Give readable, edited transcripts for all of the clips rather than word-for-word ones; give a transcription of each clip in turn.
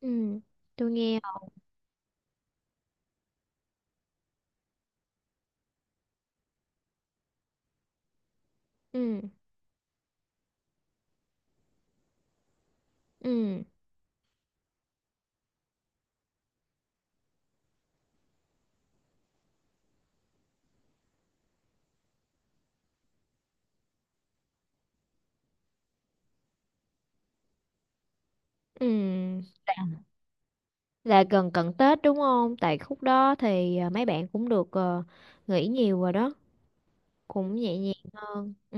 Ừ, tôi nghe ừ, ừ, ừ. là gần cận Tết đúng không? Tại khúc đó thì mấy bạn cũng được nghỉ nhiều rồi đó, cũng nhẹ nhàng hơn. Ừ,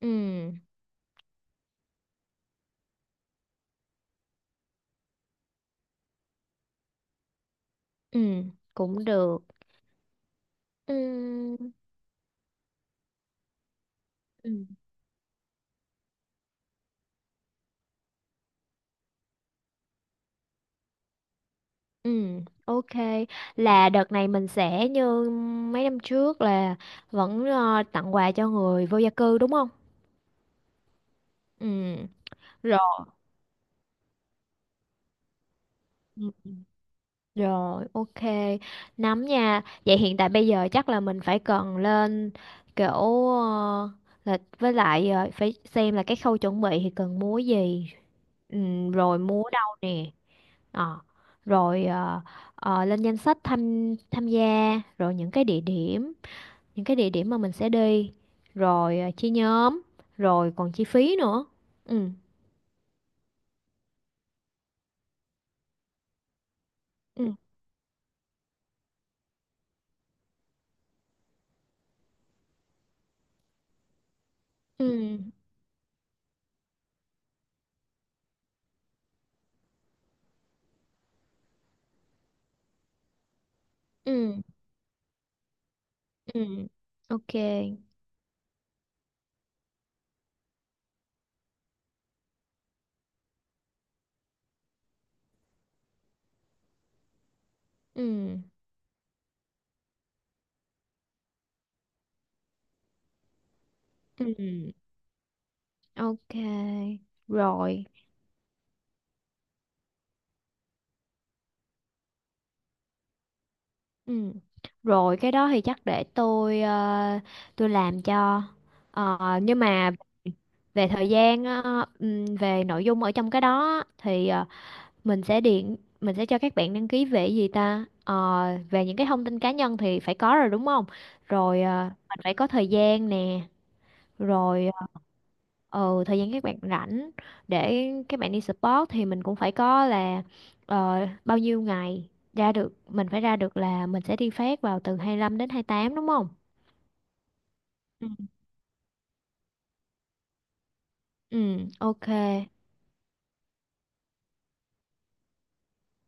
ừ, ừ, cũng được. Ừ, ừ, ừ, ok. Là đợt này mình sẽ như mấy năm trước là vẫn tặng quà cho người vô gia cư đúng không? Ừ, rồi. Rồi, ok. Nắm nha. Vậy hiện tại bây giờ chắc là mình phải cần lên kiểu ờ, là với lại phải xem là cái khâu chuẩn bị thì cần múa gì. Rồi múa đâu nè. Ờ, rồi ờ, lên danh sách tham tham gia, rồi những cái địa điểm, những cái địa điểm mà mình sẽ đi, rồi chia nhóm, rồi còn chi phí nữa. Ừ, ừ, ừ, ừ, ừ. Ok. Ừ, ừ. Ok, rồi. Ừ. Rồi cái đó thì chắc để tôi tôi làm cho. Ờ, nhưng mà về thời gian về nội dung ở trong cái đó thì mình sẽ điện mình sẽ cho các bạn đăng ký về gì ta? Ờ, về những cái thông tin cá nhân thì phải có rồi đúng không? Rồi mình phải có thời gian nè, rồi ờ ừ, thời gian các bạn rảnh để các bạn đi sport thì mình cũng phải có là ờ, bao nhiêu ngày ra được mình phải ra được là mình sẽ đi phát vào từ 25 đến 28 đúng không? Ừ. Ừ, ok.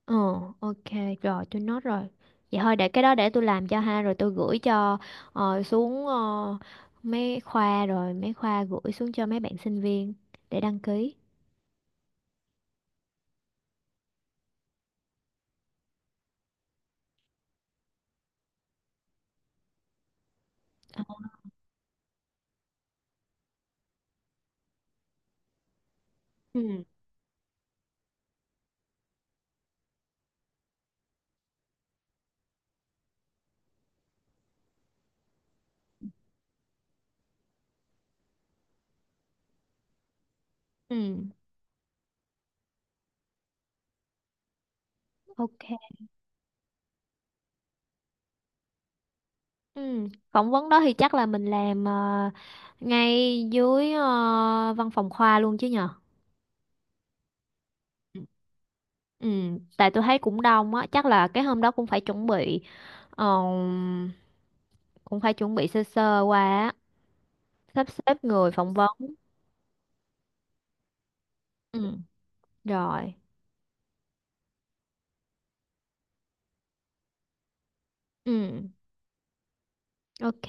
Ờ, ok, rồi tôi nốt rồi. Vậy thôi để cái đó để tôi làm cho ha rồi tôi gửi cho xuống mấy khoa rồi mấy khoa gửi xuống cho mấy bạn sinh viên để đăng ký. Ờ, Ừ, ừ, ok. Ừ. Phỏng vấn đó thì chắc là mình làm ngay dưới văn phòng khoa luôn chứ nhờ. Ừ, Ừ, tại tôi thấy cũng đông á, chắc là cái hôm đó cũng phải chuẩn bị ờ, cũng phải chuẩn bị sơ sơ qua á, sắp xếp người phỏng vấn. Ừ, rồi. Ừ, ok.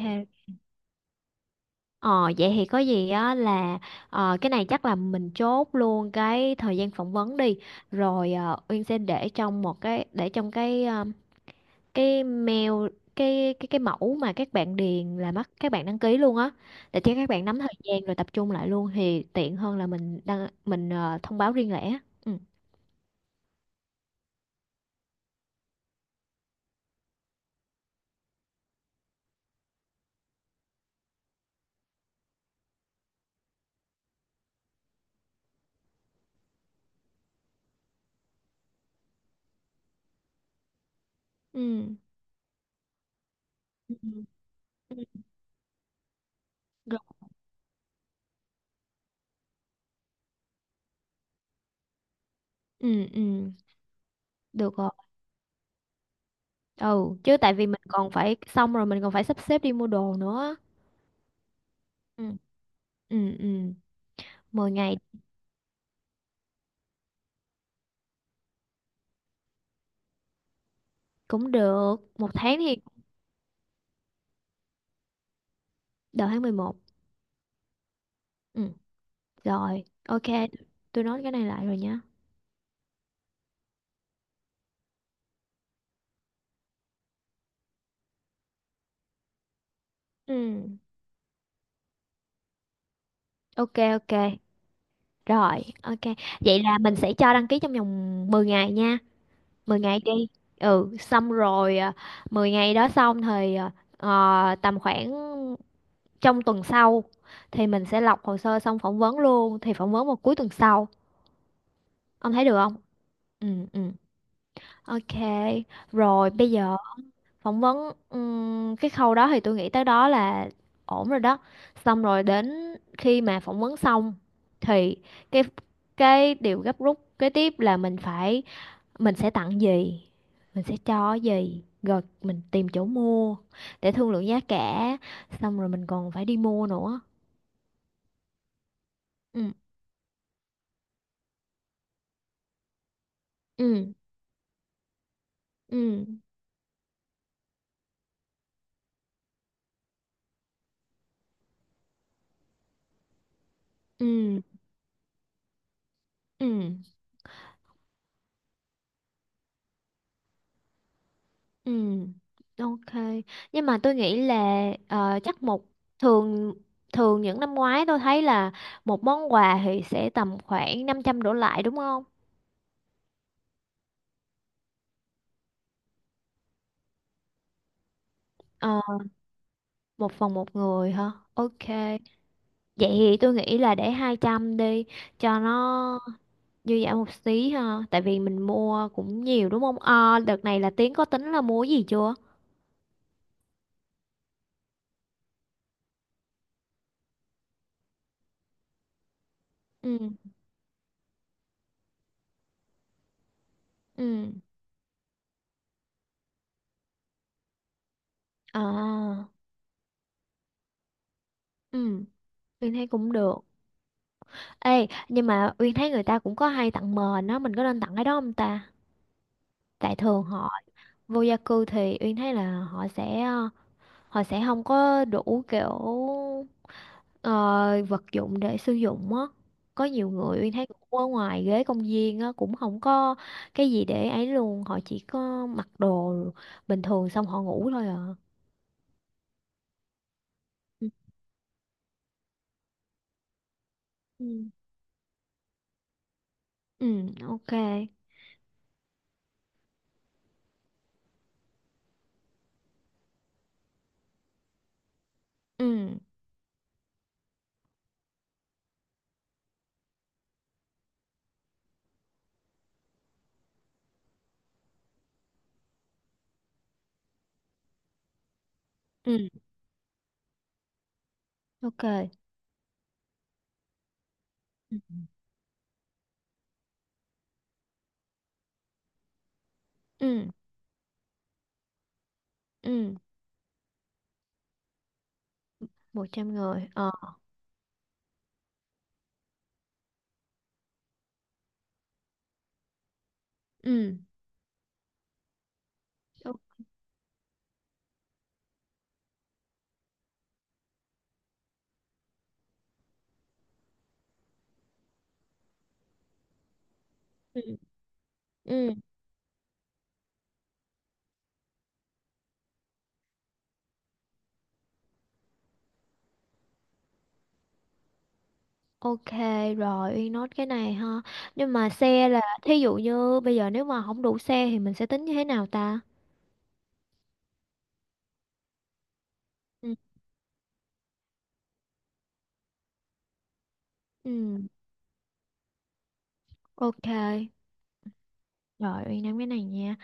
Ờ vậy thì có gì á là cái này chắc là mình chốt luôn cái thời gian phỏng vấn đi. Rồi Uyên sẽ để trong một cái để trong cái cái mail cái mẫu mà các bạn điền là mất các bạn đăng ký luôn á để cho các bạn nắm thời gian rồi tập trung lại luôn thì tiện hơn là mình đăng mình thông báo riêng lẻ. ừ ừ ừ ừ Rồi. ừ ừ. Được rồi. Ừ, chứ tại vì mình còn phải xong rồi mình còn phải sắp xếp đi mua đồ nữa. ừ ừ ừ 10 ngày cũng được. Một tháng thì đầu tháng 11. ừ Rồi, ok. Tôi nói cái này lại rồi nhá. ừ ok, ok. Rồi, ok. Vậy là mình sẽ cho đăng ký trong vòng 10 ngày nha. 10 ngày đi. Ừ, xong rồi 10 ngày đó xong thì tầm khoảng trong tuần sau thì mình sẽ lọc hồ sơ xong phỏng vấn luôn, thì phỏng vấn vào cuối tuần sau. Ông thấy được không? Ừ ừ. Ok. Rồi bây giờ phỏng vấn cái khâu đó thì tôi nghĩ tới đó là ổn rồi đó xong rồi đến khi mà phỏng vấn xong thì cái cái điều gấp rút kế tiếp là mình phải mình sẽ tặng gì mình sẽ cho cái gì rồi mình tìm chỗ mua để thương lượng giá cả xong rồi mình còn phải đi mua nữa. ừ ừ ừ ừ ừ Ừ, ok. Nhưng mà tôi nghĩ là chắc một thường thường những năm ngoái tôi thấy là một món quà thì sẽ tầm khoảng 500 đổ lại đúng không? Ờ, một phần một người hả? Ok. Vậy thì tôi nghĩ là để 200 đi cho nó dư dả một xí ha. Tại vì mình mua cũng nhiều đúng không? Ờ, đợt này là Tiến có tính là mua cái gì chưa? Ừ, ừ. À, ừ, tôi thấy cũng được. Ê, nhưng mà Uyên thấy người ta cũng có hay tặng mền á, mình có nên tặng cái đó không ta? Tại thường họ vô gia cư thì Uyên thấy là họ sẽ họ sẽ không có đủ kiểu ờ, vật dụng để sử dụng á. Có nhiều người Uyên thấy cũng ở ngoài ghế công viên á cũng không có cái gì để ấy luôn, họ chỉ có mặc đồ bình thường xong họ ngủ thôi à. Ừ, ừ, ừ, ok. Ừ, ừ, ok. Ừ, ừ, ừ, 100 người. Ừ. Ok. Ừ, ok rồi Uyên nốt cái này ha. Nhưng mà xe là thí dụ như bây giờ nếu mà không đủ xe thì mình sẽ tính như thế nào ta? Ừ, ừ, ok. Rồi Uyên nắm cái này nha.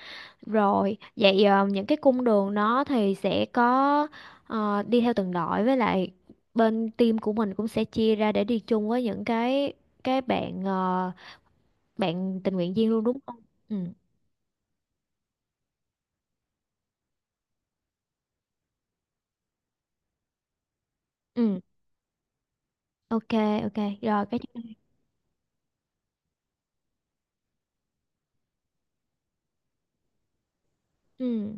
Rồi, vậy những cái cung đường đó thì sẽ có đi theo từng đội với lại bên team của mình cũng sẽ chia ra để đi chung với những cái bạn bạn tình nguyện viên luôn đúng không? Ừ, ừ, ok ok. Rồi cái ừ,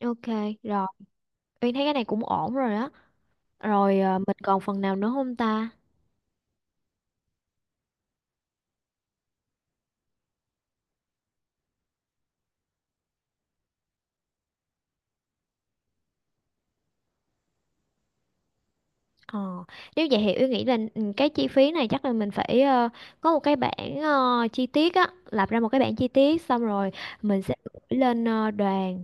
ok rồi. Uyên thấy cái này cũng ổn rồi đó. Rồi mình còn phần nào nữa không ta? Ờ, nếu vậy thì Uyên nghĩ là ừ, cái chi phí này chắc là mình phải có một cái bảng chi tiết á, lập ra một cái bảng chi tiết xong rồi mình sẽ gửi lên đoàn,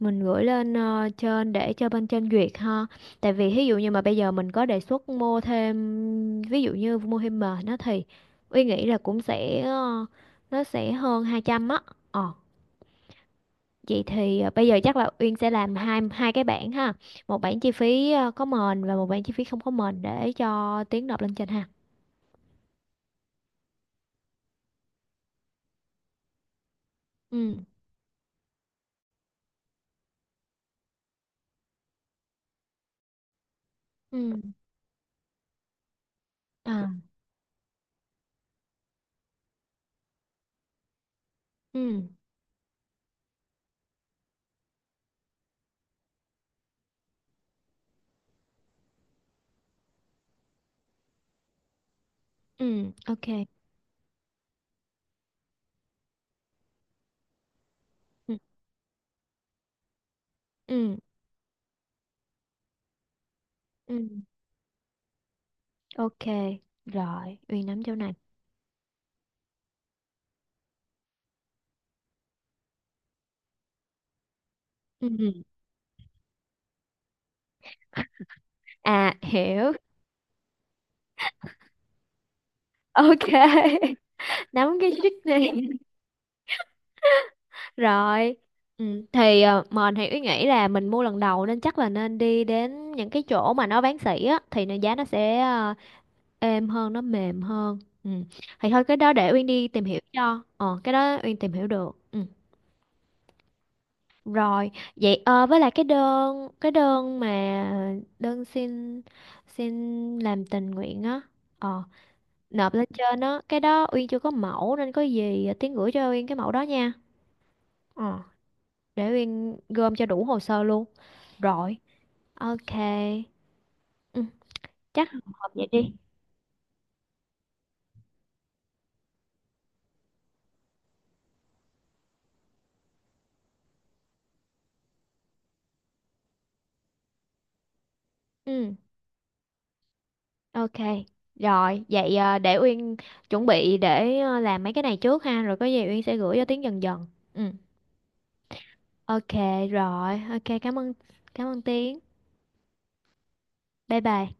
mình gửi lên trên để cho bên trên duyệt ha. Tại vì ví dụ như mà bây giờ mình có đề xuất mua thêm ví dụ như mua thêm mền nó thì Uyên nghĩ là cũng sẽ nó sẽ hơn 200 á. Ờ. Vậy thì bây giờ chắc là Uyên sẽ làm hai hai cái bảng ha. Một bảng chi phí có mền và một bảng chi phí không có mền để cho Tiến nộp lên trên ha. Ừ. Ừ. À. Ừ. Ừ. Ok. Ừ. Ừ. Ừ. Ok. Rồi, Uyên nắm chỗ này. Ừ. ừ. À, hiểu. Ok. Nắm cái trick này. Rồi. Ừ. Thì mền thì Uyên nghĩ là mình mua lần đầu nên chắc là nên đi đến những cái chỗ mà nó bán sỉ á thì nó giá nó sẽ êm hơn nó mềm hơn ừ. Thì thôi cái đó để Uyên đi tìm hiểu cho ờ cái đó Uyên tìm hiểu được ừ. Rồi vậy với lại cái đơn xin xin làm tình nguyện á ờ nộp lên trên á cái đó Uyên chưa có mẫu nên có gì Tiến gửi cho Uyên cái mẫu đó nha. Ờ, để Uyên gom cho đủ hồ sơ luôn rồi ok ừ. Chắc hợp vậy đi. Ừ. Ok, rồi, vậy để Uyên chuẩn bị để làm mấy cái này trước ha, rồi có gì Uyên sẽ gửi cho Tiến dần dần. Ừ, ok rồi, ok cảm ơn Tiến. Bye bye.